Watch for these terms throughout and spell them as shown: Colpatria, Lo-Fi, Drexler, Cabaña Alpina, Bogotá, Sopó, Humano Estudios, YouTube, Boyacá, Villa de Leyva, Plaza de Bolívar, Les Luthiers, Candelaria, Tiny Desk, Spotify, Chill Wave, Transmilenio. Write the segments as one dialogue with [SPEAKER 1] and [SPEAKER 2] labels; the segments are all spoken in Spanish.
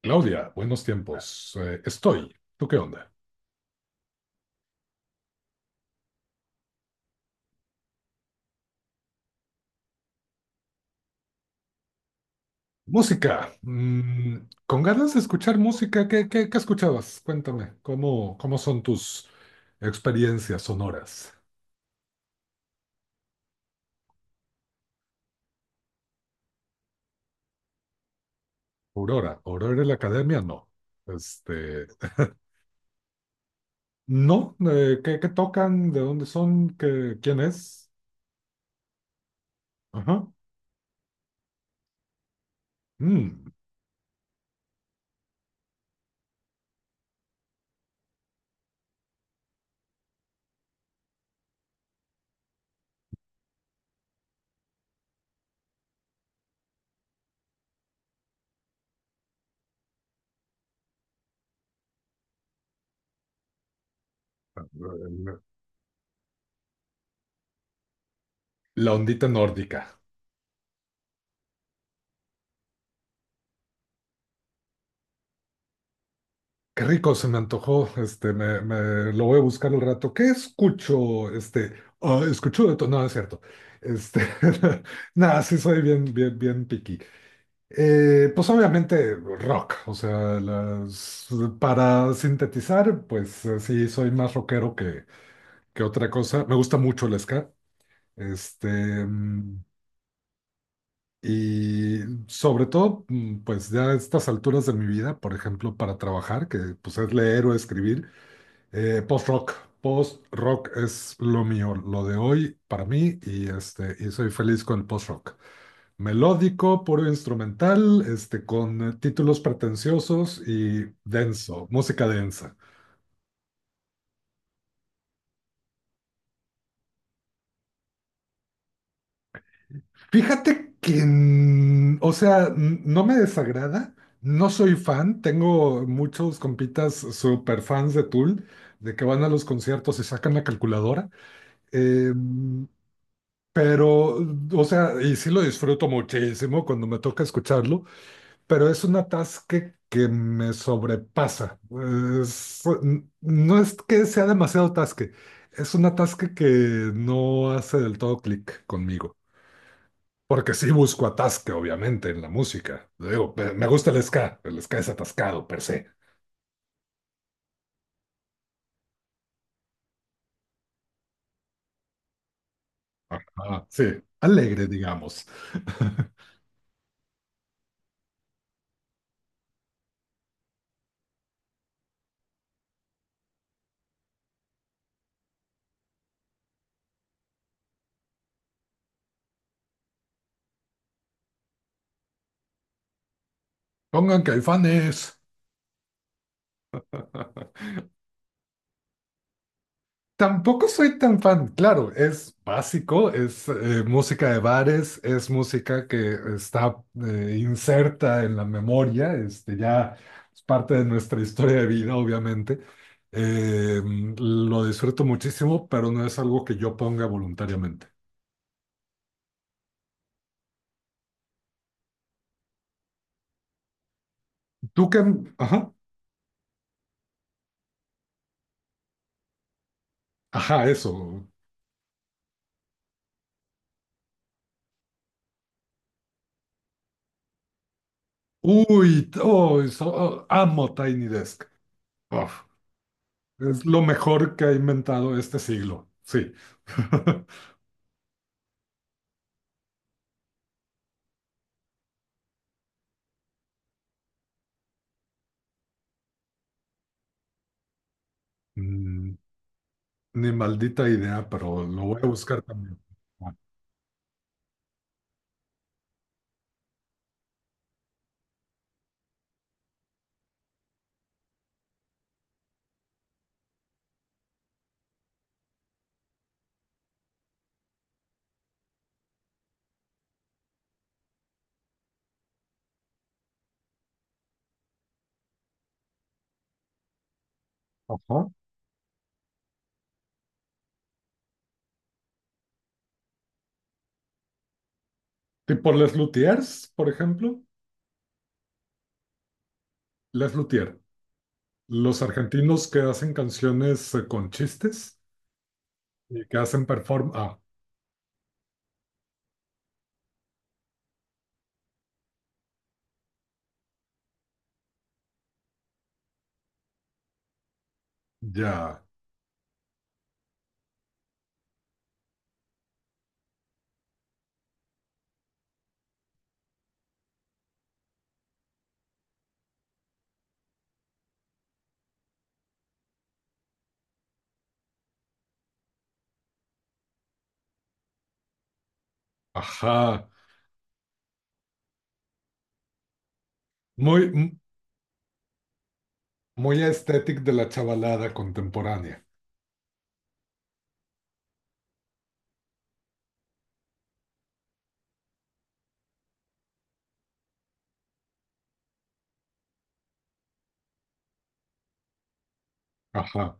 [SPEAKER 1] Claudia, buenos tiempos. Estoy. ¿Tú qué onda? Música. Con ganas de escuchar música, ¿ qué escuchabas? Cuéntame, cómo son tus experiencias sonoras? Aurora, Aurora en la academia, no. Este, no, ¿ qué tocan? ¿De dónde son? ¿ quién es? Ajá. Mm, la ondita nórdica. Qué rico, se me antojó. Este, lo voy a buscar al rato. ¿Qué escucho? Escucho de todo. No, no es cierto. Este, nada, sí soy bien, bien, bien picky. Pues obviamente rock, o sea, las, para sintetizar, pues sí, soy más rockero que otra cosa. Me gusta mucho el ska. Este, mm, y sobre todo, pues ya a estas alturas de mi vida, por ejemplo, para trabajar, que pues es leer o escribir. Post-rock. Post-rock es lo mío, lo de hoy para mí y, este, y soy feliz con el post-rock. Melódico, puro instrumental, este, con títulos pretenciosos y denso, música densa. Fíjate que, o sea, no me desagrada, no soy fan, tengo muchos compitas super fans de Tool, de que van a los conciertos y sacan la calculadora. Em, Pero, o sea, y sí lo disfruto muchísimo cuando me toca escucharlo, pero es un atasque que me sobrepasa. Es- no es que sea demasiado atasque, es un atasque que no hace del todo clic conmigo. Porque sí busco atasque, obviamente, en la música. Digo, me gusta el ska es atascado per se. Ajá, sí, alegre, digamos. Pongan caifanes. Tampoco soy tan fan, claro, es básico, es música de bares, es música que está inserta en la memoria, este, ya es parte de nuestra historia de vida, obviamente. Eh, lo disfruto muchísimo, pero no es algo que yo ponga voluntariamente. ¿Tú qué? Ajá, ajá, eso. Oh, amo Tiny Desk. Uf, es lo mejor que ha inventado este siglo, sí. Mm, Ni maldita idea, pero lo voy a buscar también. Ajá. Tipo Les Luthiers, por ejemplo. Les Luthier. Los argentinos que hacen canciones con chistes y que hacen perform. Ah, ya. Ajá. Muy, m- Muy estético de la chavalada contemporánea. Ajá.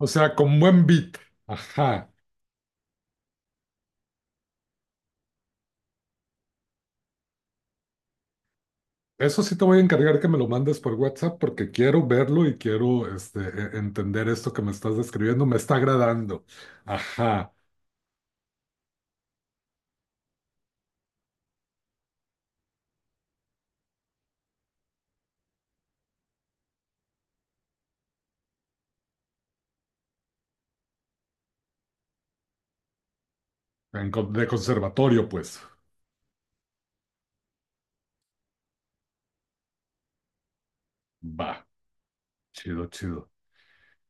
[SPEAKER 1] O sea, con buen beat. Ajá. Eso sí te voy a encargar que me lo mandes por WhatsApp porque quiero verlo y quiero este, entender esto que me estás describiendo. Me está agradando. Ajá. De conservatorio, pues. Va, chido, chido.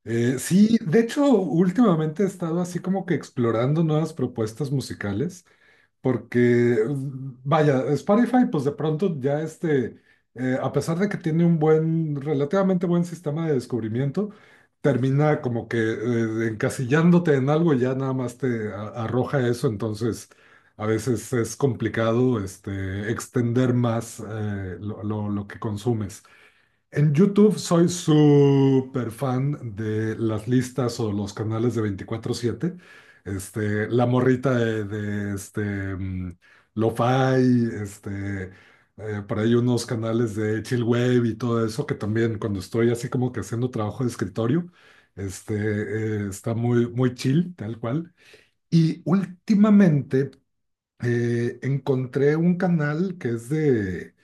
[SPEAKER 1] Sí, de hecho, últimamente he estado así como que explorando nuevas propuestas musicales, porque, vaya, Spotify, pues de pronto ya este, a pesar de que tiene un buen, relativamente buen sistema de descubrimiento, termina como que encasillándote en algo y ya nada más te arroja eso, entonces a veces es complicado este, extender más lo que consumes. En YouTube soy súper fan de las listas o los canales de 24/7. Este, la morrita de, este, mm, Lo-Fi, este, por ahí unos canales de Chill Wave y todo eso, que también cuando estoy así como que haciendo trabajo de escritorio, este, está muy, muy chill, tal cual. Y últimamente encontré un canal que es de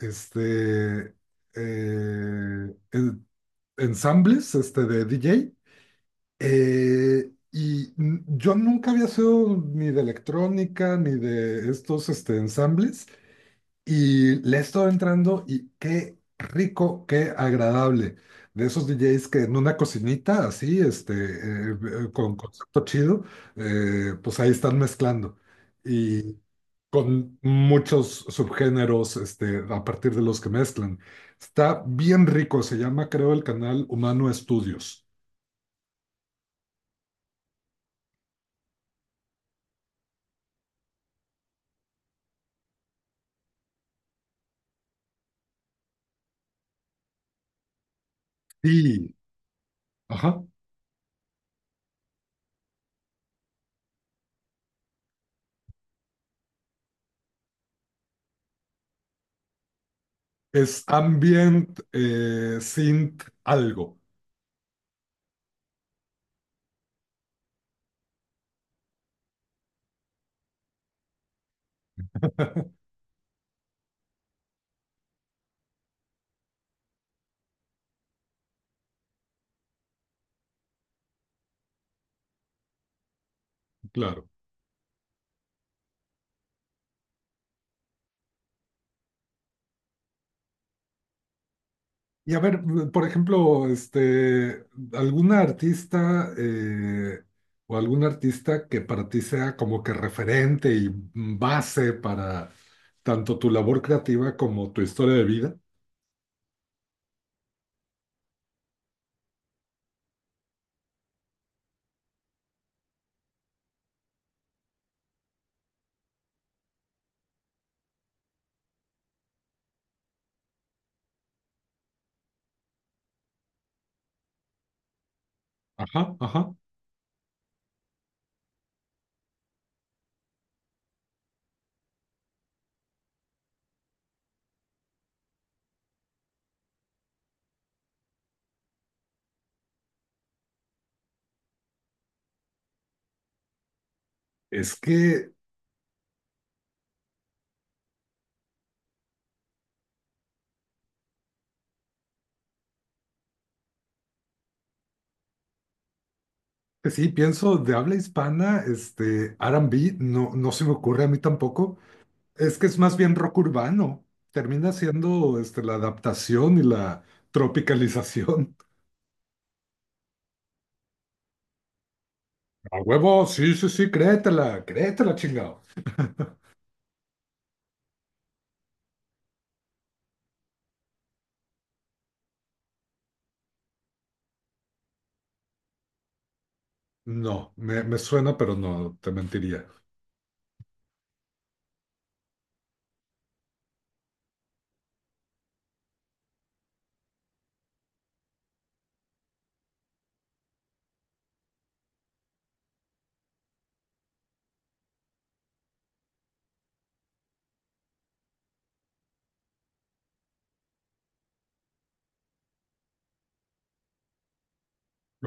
[SPEAKER 1] este, eh, en- ensambles este, de DJ. Yo nunca había sido ni de electrónica, ni de estos este, ensambles, y le he estado entrando y qué rico, qué agradable. De esos DJs que en una cocinita así, con concepto chido, pues ahí están mezclando. Y con muchos subgéneros, este, a partir de los que mezclan. Está bien rico, se llama, creo, el canal Humano Estudios. Sí, ajá. Es ambient, synth, algo, claro. Y a ver, por ejemplo, este, alguna artista o algún artista que para ti sea como que referente y base para tanto tu labor creativa como tu historia de vida. Ajá, ajá. Es que pues sí, pienso de habla hispana, este, R&B, no, no se me ocurre a mí tampoco. Es que es más bien rock urbano. Termina siendo este, la adaptación y la tropicalización. A huevo, sí, sí, sí, créetela, créetela, chingado. No, me suena, pero no, te mentiría.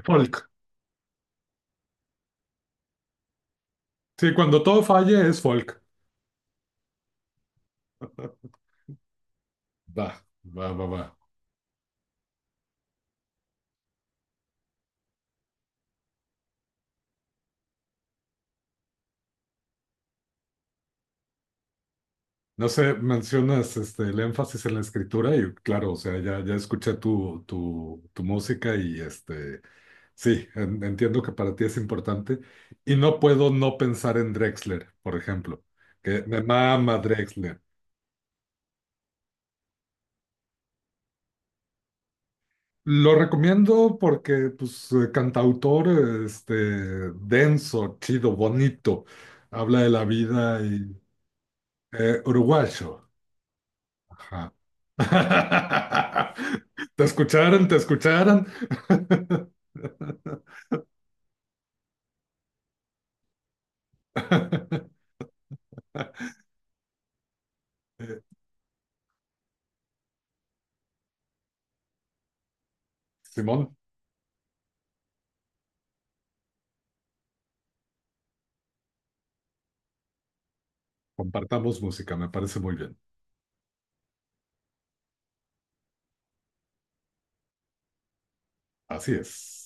[SPEAKER 1] Folk. Sí, cuando todo falle es folk. Va. No sé, mencionas este, el énfasis en la escritura y claro, o sea, ya escuché tu música y este, sí, entiendo que para ti es importante y no puedo no pensar en Drexler, por ejemplo, que me mama Drexler. Lo recomiendo porque, pues, cantautor, este, denso, chido, bonito, habla de la vida y uruguayo. Ajá. Te escucharon, te escucharon. Eh, Simón, compartamos música, me parece muy bien. Así es.